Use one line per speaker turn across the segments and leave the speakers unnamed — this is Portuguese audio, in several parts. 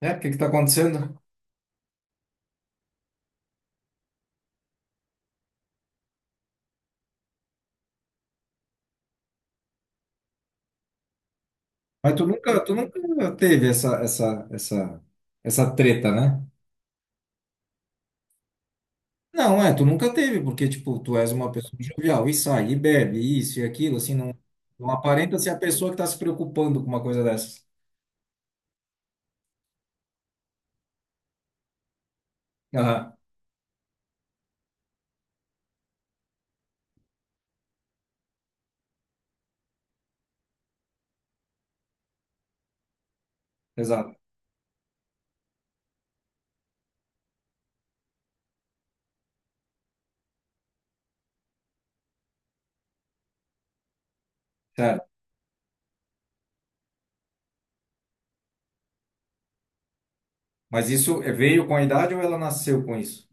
É, o que que tá acontecendo? Mas tu nunca teve essa treta, né? Não, é, tu nunca teve, porque, tipo, tu és uma pessoa jovial e sai, e bebe, e isso e aquilo, assim, não, não aparenta ser a pessoa que tá se preocupando com uma coisa dessas. Aham, exato, certo. Mas isso é- veio com a idade ou ela nasceu com isso?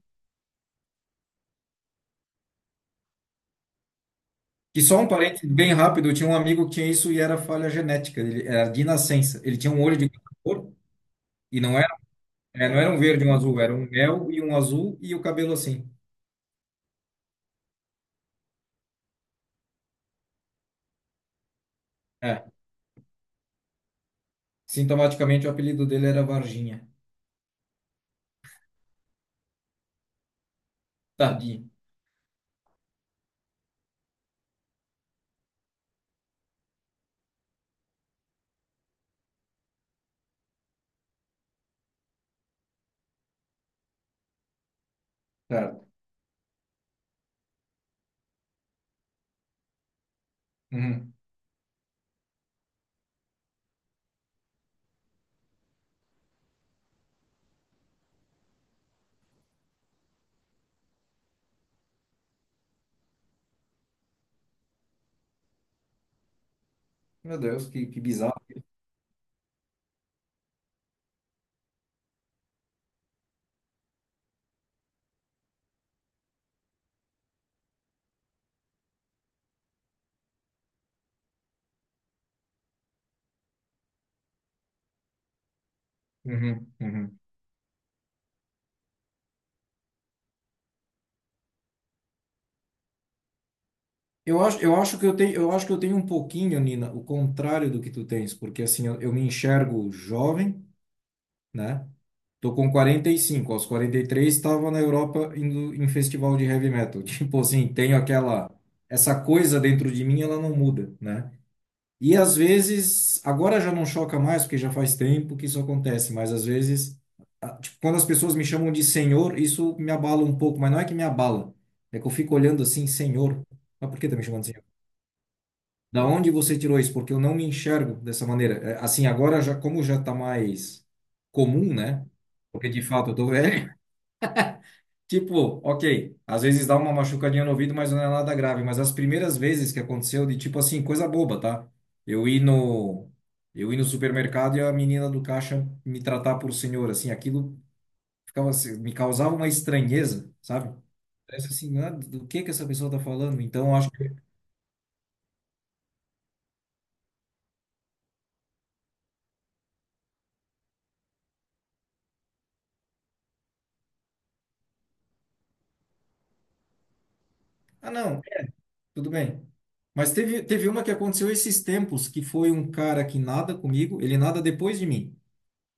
Que só um parênteses bem rápido, eu tinha um amigo que tinha isso e era falha genética, ele era de nascença. Ele tinha um olho de cada cor e não era, é, não era um verde e um azul, era um mel e um azul e o cabelo assim. É. Sintomaticamente, o apelido dele era Varginha. Tadinho. Certo. Uhum. Meu Deus, que bizarro. Uhum, uhum. Eu acho que eu tenho, eu acho que eu tenho um pouquinho, Nina, o contrário do que tu tens, porque assim, eu me enxergo jovem, né? Tô com 45, aos 43 estava na Europa indo em festival de heavy metal. Tipo assim, tenho aquela essa coisa dentro de mim, ela não muda, né? E às vezes, agora já não choca mais, porque já faz tempo que isso acontece, mas às vezes, tipo, quando as pessoas me chamam de senhor, isso me abala um pouco, mas não é que me abala, é que eu fico olhando assim, senhor, mas por que tá me chamando de senhor? Da onde você tirou isso? Porque eu não me enxergo dessa maneira. É. Assim, agora já, como já tá mais comum, né? Porque de fato eu tô velho. Tipo, ok, às vezes dá uma machucadinha no ouvido, mas não é nada grave. Mas as primeiras vezes que aconteceu, de tipo assim, coisa boba, tá? Eu ir no, eu ir no supermercado e a menina do caixa me tratar por senhor, assim, aquilo ficava, assim, me causava uma estranheza, sabe? Parece assim, ah, do que essa pessoa tá falando? Então eu acho que, ah, não, tudo bem. Mas teve uma que aconteceu esses tempos, que foi um cara que nada comigo, ele nada depois de mim.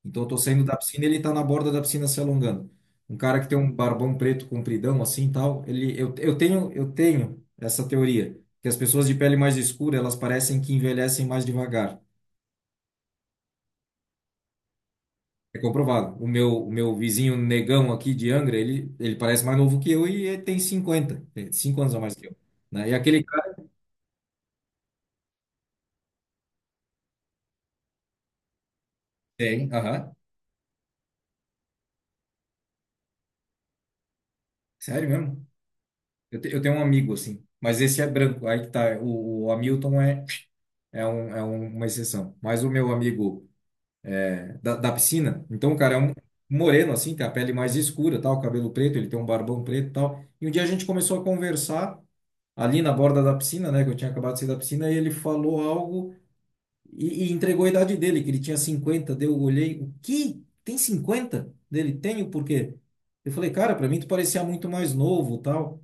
Então eu tô saindo da piscina e ele tá na borda da piscina se alongando. Um cara que tem um barbão preto compridão assim e tal, ele eu, eu tenho essa teoria que as pessoas de pele mais escura, elas parecem que envelhecem mais devagar. É comprovado. O meu vizinho negão aqui de Angra, ele parece mais novo que eu e ele tem cinquenta, tem 5 anos a mais que eu, né? E aquele cara tem, aham. Sério mesmo? Eu, eu tenho um amigo assim, mas esse é branco. Aí que tá, o Hamilton é é, um, uma exceção. Mas o meu amigo da, da piscina. Então o cara é um moreno, assim, tem a pele mais escura, tal, cabelo preto, ele tem um barbão preto e tal. E um dia a gente começou a conversar ali na borda da piscina, né, que eu tinha acabado de sair da piscina, e ele falou algo e entregou a idade dele, que ele tinha 50. Daí eu olhei, o que? Tem 50? Dele, tenho, por quê? Eu falei, cara, pra mim tu parecia muito mais novo, tal.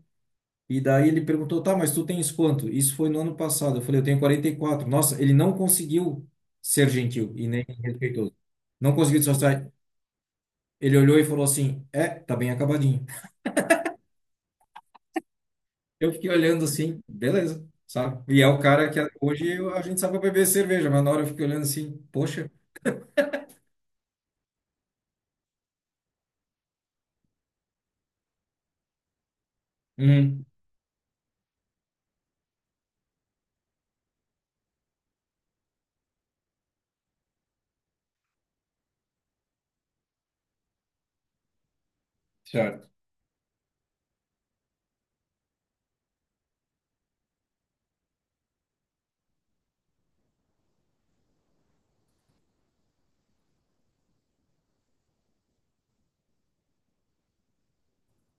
E daí ele perguntou, tá, mas tu tens quanto? Isso foi no ano passado. Eu falei, eu tenho 44. Nossa, ele não conseguiu ser gentil e nem respeitoso. Não conseguiu se mostrar. Ele olhou e falou assim: É, tá bem acabadinho. Eu fiquei olhando assim, beleza, sabe? E é o cara que a gente sabe pra beber cerveja, mas na hora eu fiquei olhando assim: Poxa, hum, certo.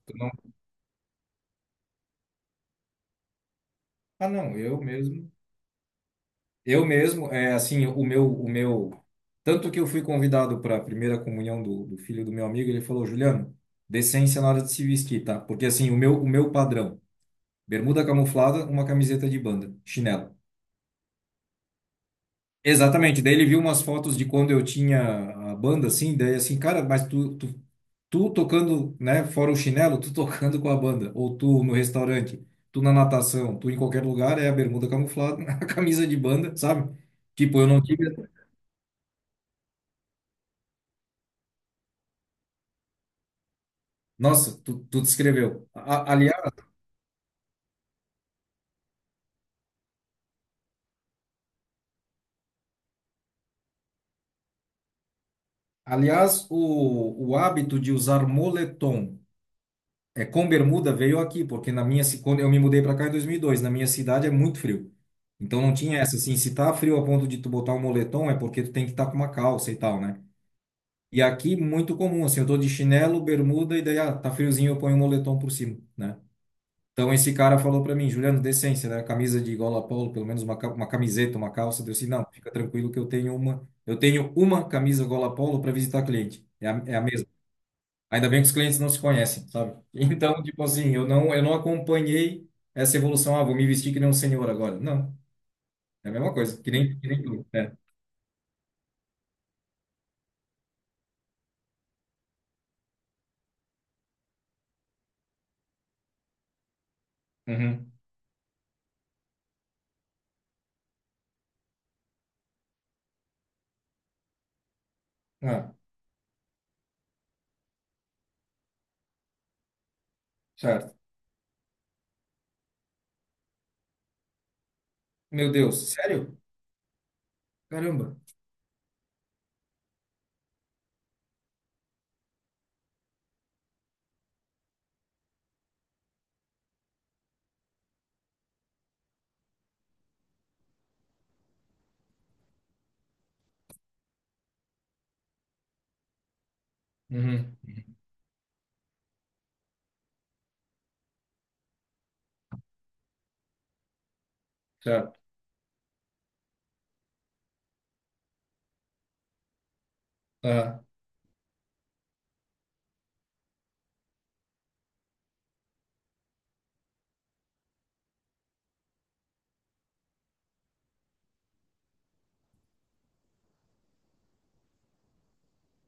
Tu não- Ah, não, eu mesmo. Eu mesmo, é assim, o meu, o meu. Tanto que eu fui convidado para a primeira comunhão do, do filho do meu amigo, ele falou: Juliano, decência na hora de se vestir, tá? Porque assim, o meu padrão: bermuda camuflada, uma camiseta de banda, chinelo. Exatamente, daí ele viu umas fotos de quando eu tinha a banda, assim, daí assim, cara, mas tu tocando, né, fora o chinelo, tu tocando com a banda, ou tu no restaurante, tu na natação, tu em qualquer lugar, é a bermuda camuflada, a camisa de banda, sabe? Tipo, eu não tive... Nossa, tu descreveu. Aliás, aliás o hábito de usar moletom, é, com bermuda veio aqui, porque na minha, quando eu me mudei para cá em 2002, na minha cidade é muito frio. Então não tinha essa, assim, se tá frio a ponto de tu botar um moletom é porque tu tem que estar com uma calça e tal, né? E aqui muito comum, assim, eu tô de chinelo, bermuda e daí, ah, tá friozinho, eu ponho um moletom por cima, né? Então esse cara falou para mim, Juliano, decência, né? Camisa de gola polo, pelo menos uma, uma camiseta, uma calça. Eu disse, não, fica tranquilo que eu tenho uma camisa gola polo para visitar cliente. É a, é a mesma. Ainda bem que os clientes não se conhecem, sabe? Então, tipo assim, eu não acompanhei essa evolução. Ah, vou me vestir que nem um senhor agora. Não, é a mesma coisa, que nem tu. É. Uhum. Ah, certo. Meu Deus, sério? Caramba. Uhum. Certo. Ah,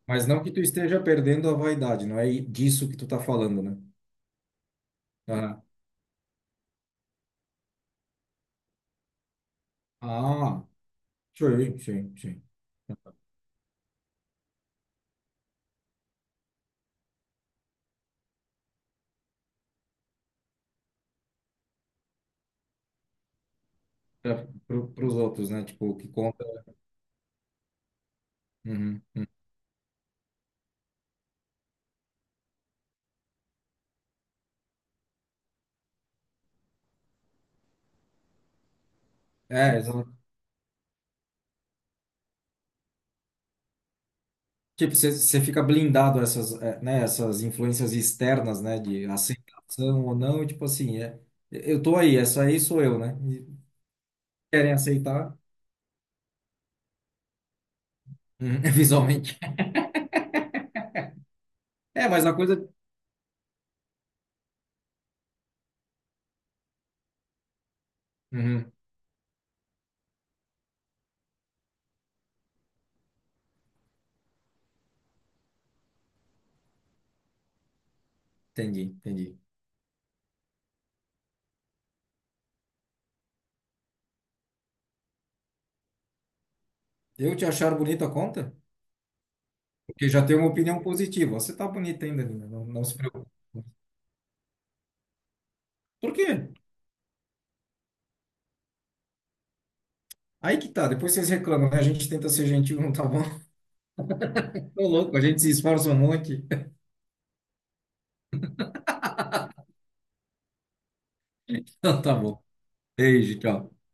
mas não que tu esteja perdendo a vaidade, não é disso que tu tá falando, né? Ah, ah, sim, sim, sim. Para os outros, né? Tipo, o que conta. Uhum. É, exato. Tipo, você fica blindado a essas, né, essas influências externas, né, de aceitação ou não, e tipo assim, é, eu tô aí, essa aí sou eu, né? E querem aceitar, uhum, visualmente. É, mas a coisa. Uhum, entendi, entendi. Eu te achar bonita a conta? Porque já tenho uma opinião positiva. Você tá bonita ainda, Nina, não, não se preocupe. Por quê? Aí que tá, depois vocês reclamam, né? A gente tenta ser gentil, não tá bom? Tô louco, a gente se esforça um monte. Então tá bom. Beijo, tchau.